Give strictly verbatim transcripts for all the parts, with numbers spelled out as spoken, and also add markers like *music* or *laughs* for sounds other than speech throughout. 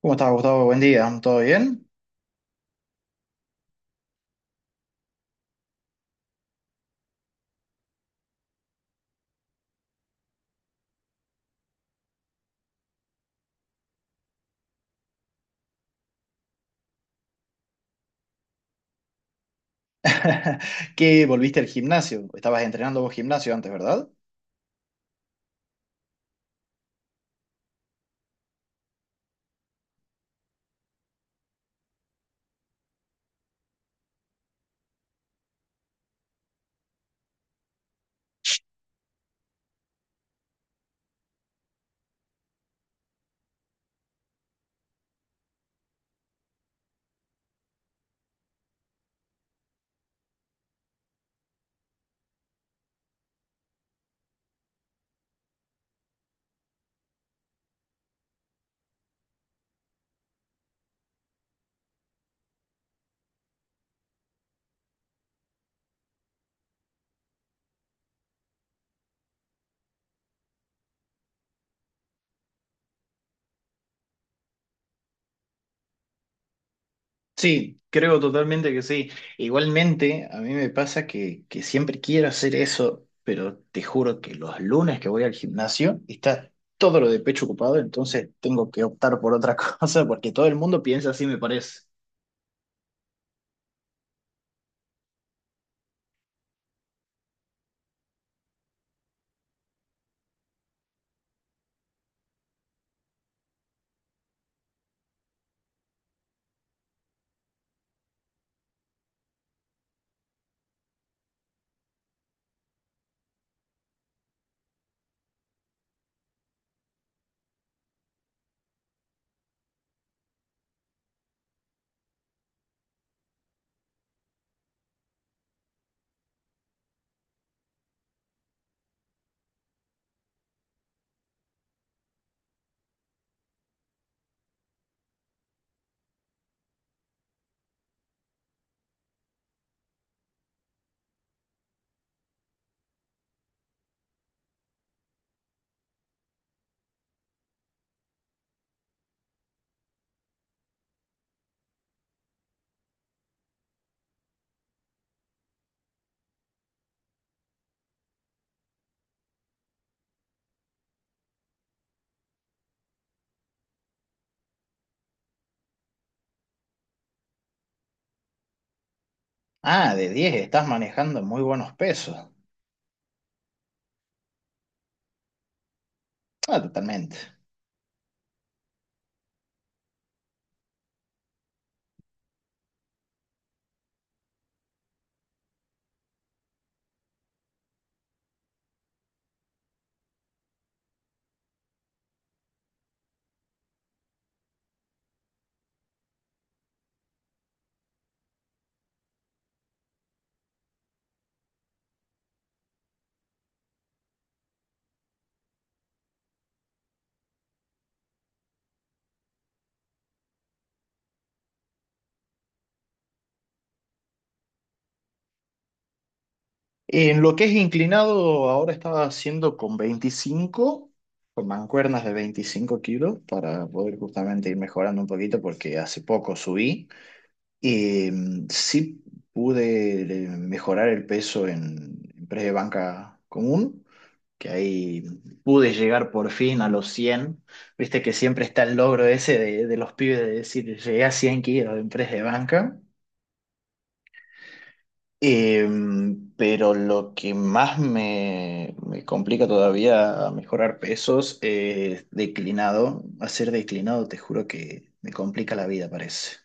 ¿Cómo estás, Gustavo? Buen día, ¿todo bien? *laughs* ¿Qué volviste al gimnasio? Estabas entrenando vos gimnasio antes, ¿verdad? Sí, creo totalmente que sí. Igualmente, a mí me pasa que, que siempre quiero hacer eso, pero te juro que los lunes que voy al gimnasio está todo lo de pecho ocupado, entonces tengo que optar por otra *laughs* cosa porque todo el mundo piensa así, me parece. Ah, de diez estás manejando muy buenos pesos. Ah, totalmente. En lo que es inclinado, ahora estaba haciendo con veinticinco, con mancuernas de veinticinco kilos, para poder justamente ir mejorando un poquito, porque hace poco subí. Y mm, sí pude eh, mejorar el peso en, en, press de banca común, que ahí pude llegar por fin a los cien. Viste que siempre está el logro ese de, de los pibes de decir, llegué a cien kilos en press de banca. Em, pero lo que más me, me, complica todavía a mejorar pesos es declinado. Hacer declinado, te juro que me complica la vida, parece.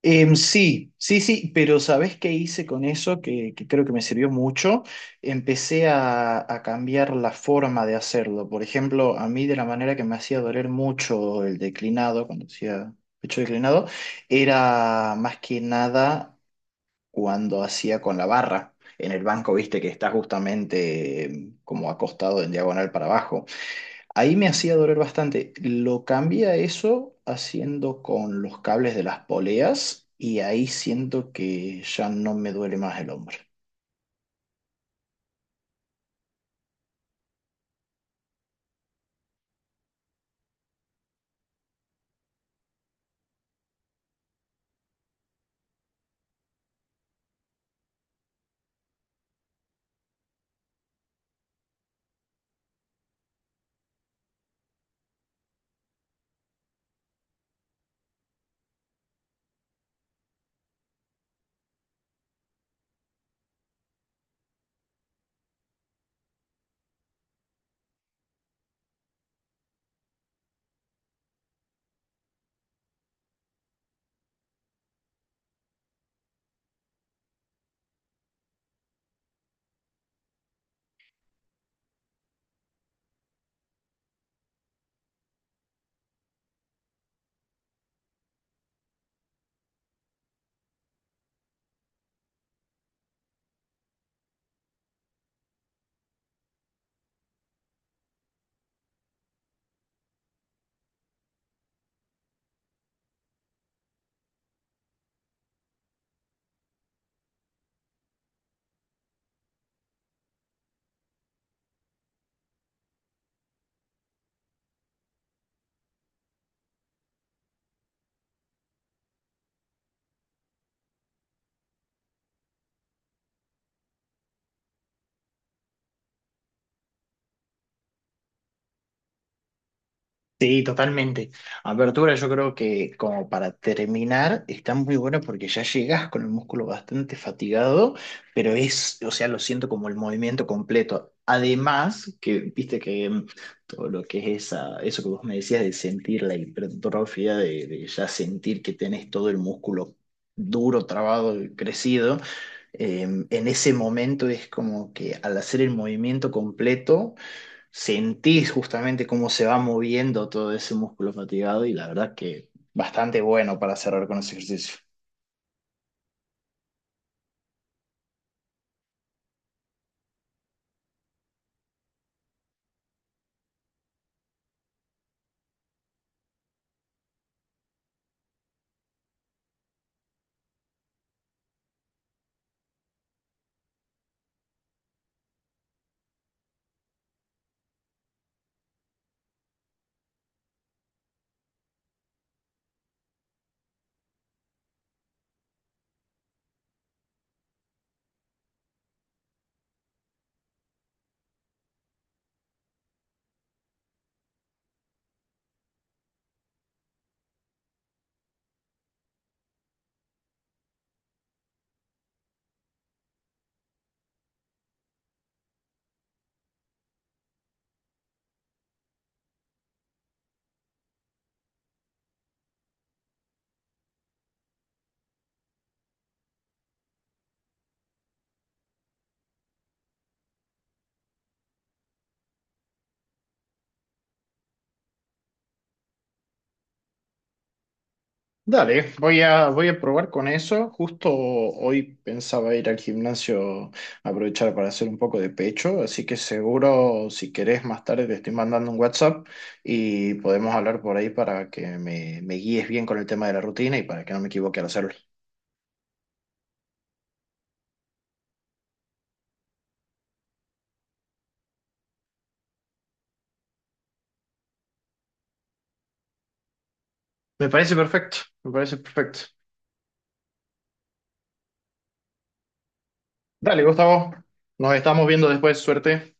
Em, sí, sí, sí, pero ¿sabés qué hice con eso? Que, que creo que me sirvió mucho. Empecé a, a cambiar la forma de hacerlo. Por ejemplo, a mí de la manera que me hacía doler mucho el declinado, cuando hacía pecho declinado, era más que nada cuando hacía con la barra. En el banco, viste que está justamente eh, como acostado en diagonal para abajo. Ahí me hacía doler bastante. Lo cambié a eso haciendo con los cables de las poleas y ahí siento que ya no me duele más el hombro. Sí, totalmente. Apertura, yo creo que como para terminar, está muy bueno porque ya llegas con el músculo bastante fatigado, pero es, o sea, lo siento como el movimiento completo. Además, que viste que mm, todo lo que es esa, eso que vos me decías de sentir la hipertrofia, de, de, ya sentir que tenés todo el músculo duro, trabado y crecido, eh, en ese momento es como que al hacer el movimiento completo sentís justamente cómo se va moviendo todo ese músculo fatigado y la verdad que bastante bueno para cerrar con ese ejercicio. Dale, voy a, voy a, probar con eso. Justo hoy pensaba ir al gimnasio, aprovechar para hacer un poco de pecho, así que seguro si querés más tarde te estoy mandando un WhatsApp y podemos hablar por ahí para que me, me, guíes bien con el tema de la rutina y para que no me equivoque al hacerlo. Me parece perfecto, me parece perfecto. Dale, Gustavo, nos estamos viendo después, suerte.